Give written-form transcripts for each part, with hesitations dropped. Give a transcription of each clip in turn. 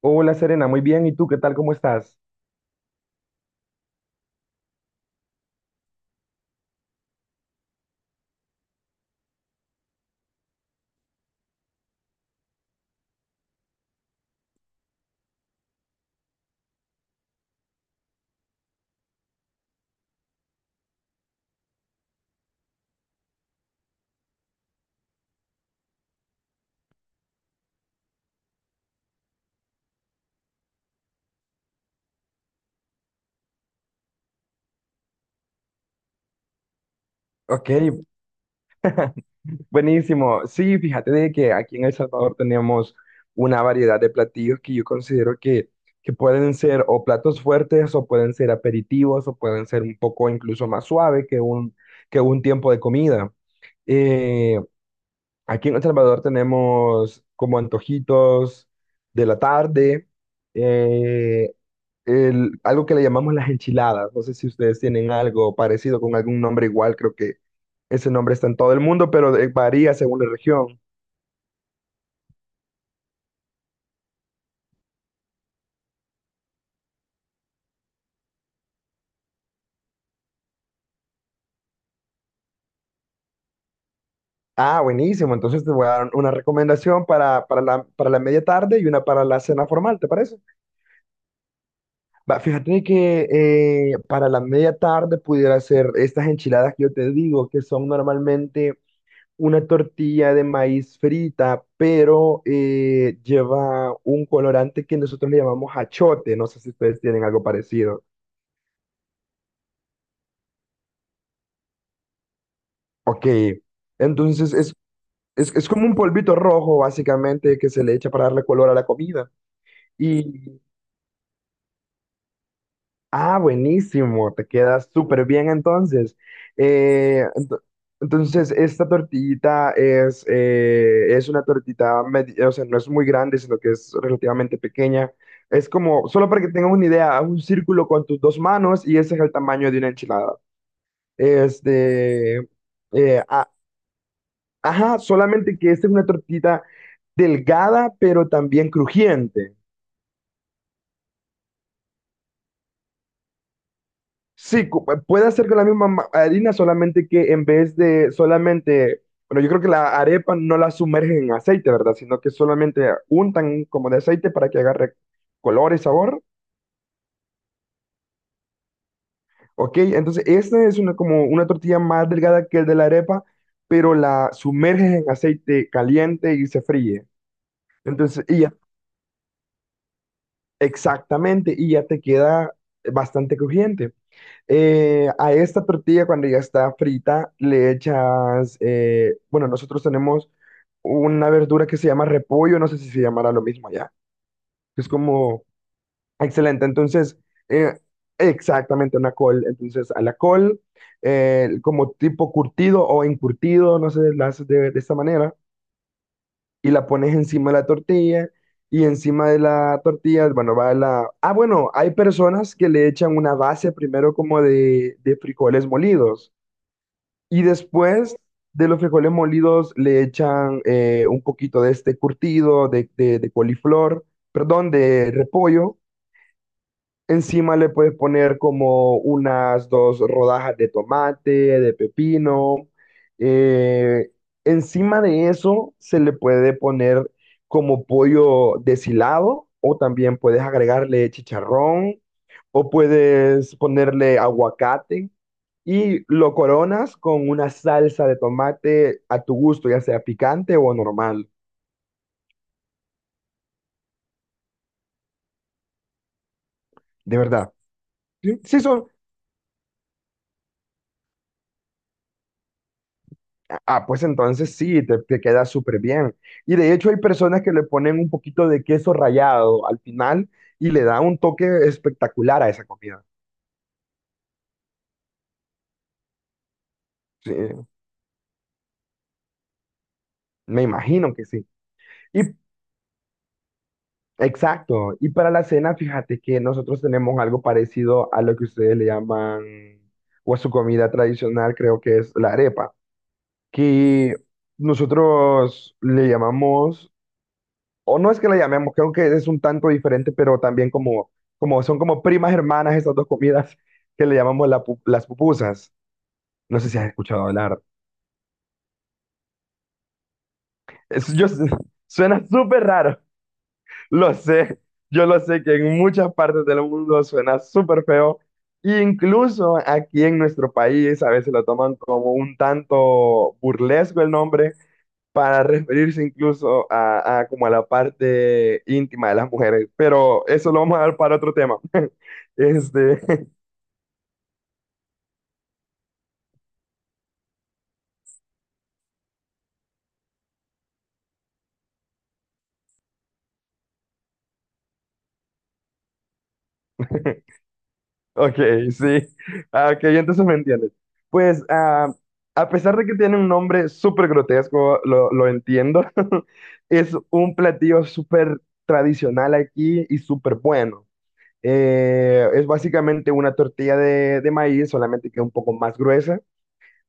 Hola Serena, muy bien. ¿Y tú qué tal? ¿Cómo estás? Ok, buenísimo. Sí, fíjate de que aquí en El Salvador tenemos una variedad de platillos que yo considero que pueden ser o platos fuertes o pueden ser aperitivos o pueden ser un poco incluso más suave que que un tiempo de comida. Eh, Aquí en El Salvador tenemos como antojitos de la tarde. eh, Algo que le llamamos las enchiladas. No sé si ustedes tienen algo parecido con algún nombre igual, creo que ese nombre está en todo el mundo, pero varía según la región. Ah, buenísimo. Entonces te voy a dar una recomendación para la media tarde y una para la cena formal, ¿te parece? Va, fíjate que para la media tarde pudiera ser estas enchiladas que yo te digo, que son normalmente una tortilla de maíz frita, pero lleva un colorante que nosotros le llamamos achote. No sé si ustedes tienen algo parecido. Ok, entonces es, es como un polvito rojo, básicamente, que se le echa para darle color a la comida. y Ah, buenísimo, te queda súper bien entonces. Eh, ento- entonces, esta tortillita es una tortita, o sea, no es muy grande, sino que es relativamente pequeña. Es como, solo para que tengas una idea, haz un círculo con tus dos manos y ese es el tamaño de una enchilada. Este, eh, a- ajá, solamente que esta es una tortita delgada, pero también crujiente. Puede hacer con la misma harina, solamente que en vez de solamente, bueno, yo creo que la arepa no la sumergen en aceite, ¿verdad? Sino que solamente untan como de aceite para que agarre color y sabor. Ok, entonces esta es una, como una tortilla más delgada que el de la arepa, pero la sumerges en aceite caliente y se fríe. Entonces, y ya, exactamente, y ya te queda bastante crujiente. A esta tortilla, cuando ya está frita, le echas, bueno, nosotros tenemos una verdura que se llama repollo, no sé si se llamará lo mismo allá. Es como excelente. Entonces, eh, exactamente una col. Entonces, a la col, como tipo curtido o encurtido, no sé, la haces de esta manera y la pones encima de la tortilla. Y encima de la tortilla, bueno, va la... Ah, bueno, hay personas que le echan una base primero como de frijoles molidos. Y después de los frijoles molidos le echan un poquito de este curtido de coliflor, perdón, de repollo. Encima le puedes poner como unas dos rodajas de tomate, de pepino. Eh, Encima de eso se le puede poner como pollo deshilado o también puedes agregarle chicharrón o puedes ponerle aguacate y lo coronas con una salsa de tomate a tu gusto, ya sea picante o normal, de verdad. Sí, sí son, ah, pues entonces sí, te queda súper bien. Y de hecho hay personas que le ponen un poquito de queso rallado al final y le da un toque espectacular a esa comida. Sí, me imagino que sí. Y exacto. Y para la cena, fíjate que nosotros tenemos algo parecido a lo que ustedes le llaman, o a su comida tradicional, creo que es la arepa, que nosotros le llamamos o no es que la llamemos, creo que es un tanto diferente, pero también como, como son como primas hermanas esas dos comidas que le llamamos las pupusas. No sé si has escuchado hablar. Es- yo, suena súper raro, lo sé. Yo lo sé que en muchas partes del mundo suena súper feo. Incluso aquí en nuestro país a veces lo toman como un tanto burlesco el nombre para referirse incluso a como a la parte íntima de las mujeres, pero eso lo vamos a dar para otro tema. Este, ok, sí, ah, ok, entonces me entiendes. Pues ah, a pesar de que tiene un nombre súper grotesco, lo entiendo, es un platillo súper tradicional aquí y súper bueno. Es básicamente una tortilla de maíz, solamente que un poco más gruesa.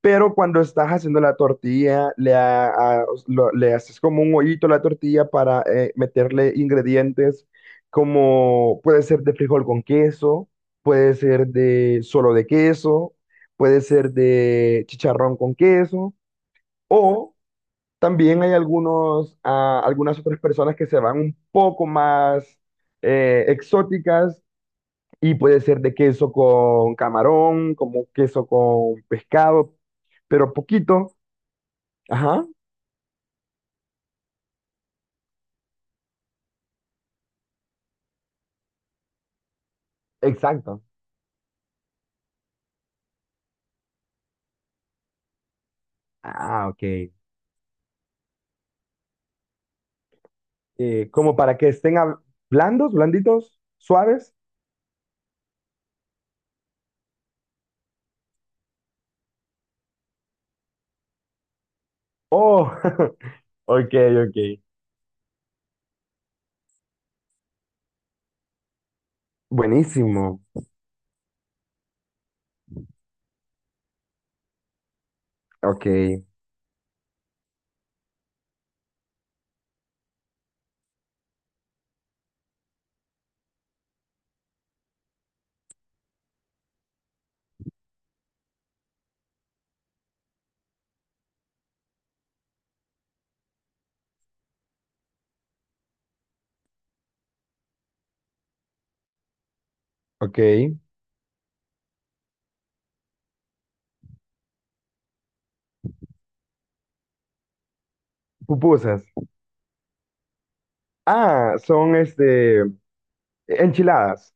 Pero cuando estás haciendo la tortilla, le haces como un hoyito a la tortilla para meterle ingredientes como puede ser de frijol con queso, puede ser de solo de queso, puede ser de chicharrón con queso, o también hay algunos, ah, algunas otras personas que se van un poco más exóticas y puede ser de queso con camarón, como queso con pescado, pero poquito. Ajá, exacto. Ah, ok. Como para que estén hab- Blandos, blanditos, suaves. Oh, ok, ok. Buenísimo. Ok, ok. Pupusas. Ah, son enchiladas.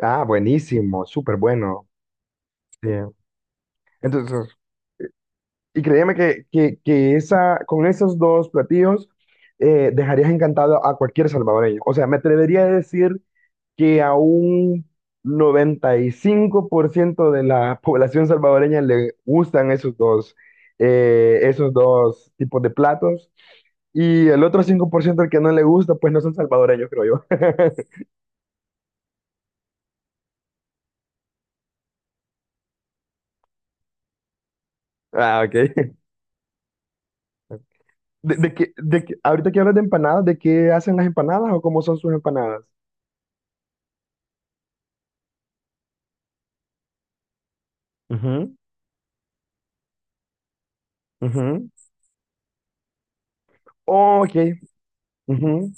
Ah, buenísimo, súper bueno. Sí. Entonces, y créeme que esa, con esos dos platillos dejarías encantado a cualquier salvadoreño. O sea, me atrevería a decir que a un 95% de la población salvadoreña le gustan esos esos dos tipos de platos. Y el otro 5% al que no le gusta, pues no son salvadoreños, creo yo. Ah, ok. Ahorita que hablas de empanadas, ¿de qué hacen las empanadas o cómo son sus empanadas? Ujú, ujú. Oh, ok. Ujú,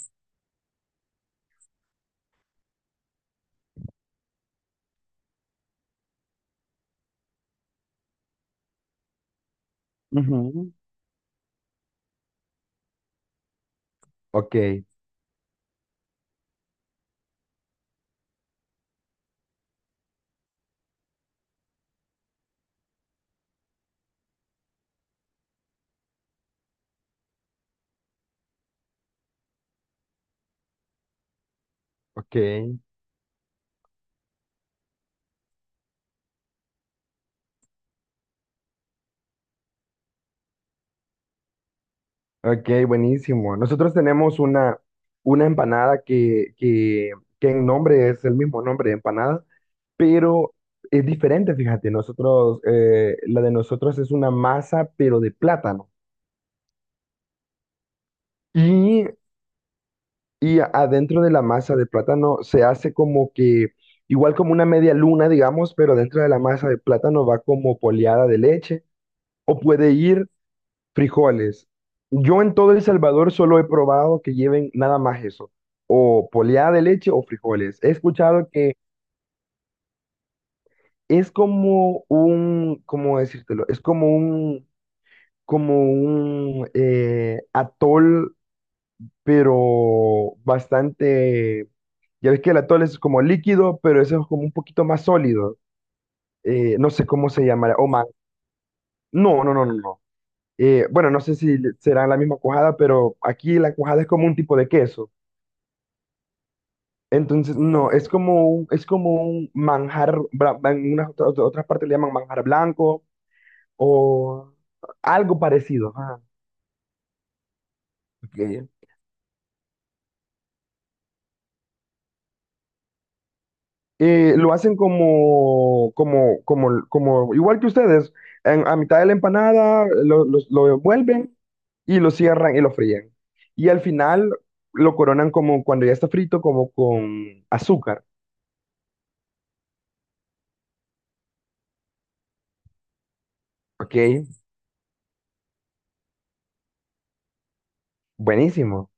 ujú. Ok, ok. Ok, buenísimo. Nosotros tenemos una empanada que en nombre es el mismo nombre de empanada, pero es diferente, fíjate. Nosotros, la de nosotros es una masa, pero de plátano. Y, y adentro de la masa de plátano se hace como que, igual como una media luna, digamos, pero dentro de la masa de plátano va como poleada de leche. O puede ir frijoles. Yo en todo El Salvador solo he probado que lleven nada más eso, o poleada de leche o frijoles. He escuchado que es como un, ¿cómo decírtelo? Es como un atol, pero bastante, ya ves que el atol es como líquido, pero eso es como un poquito más sólido. No sé cómo se llamará, o más. No, no, no, no, no. Bueno, no sé si será la misma cuajada, pero aquí la cuajada es como un tipo de queso. Entonces, no, es como un manjar, en unas otras partes le llaman manjar blanco o algo parecido. Ah, ok. Lo hacen como, igual que ustedes, a mitad de la empanada lo envuelven y lo cierran y lo fríen. Y al final lo coronan como cuando ya está frito, como con azúcar. Ok, buenísimo.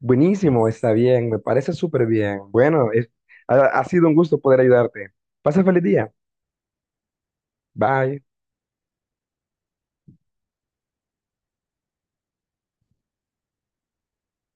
Buenísimo, está bien, me parece súper bien. Ha, ha sido un gusto poder ayudarte. Pasa feliz día. Bye.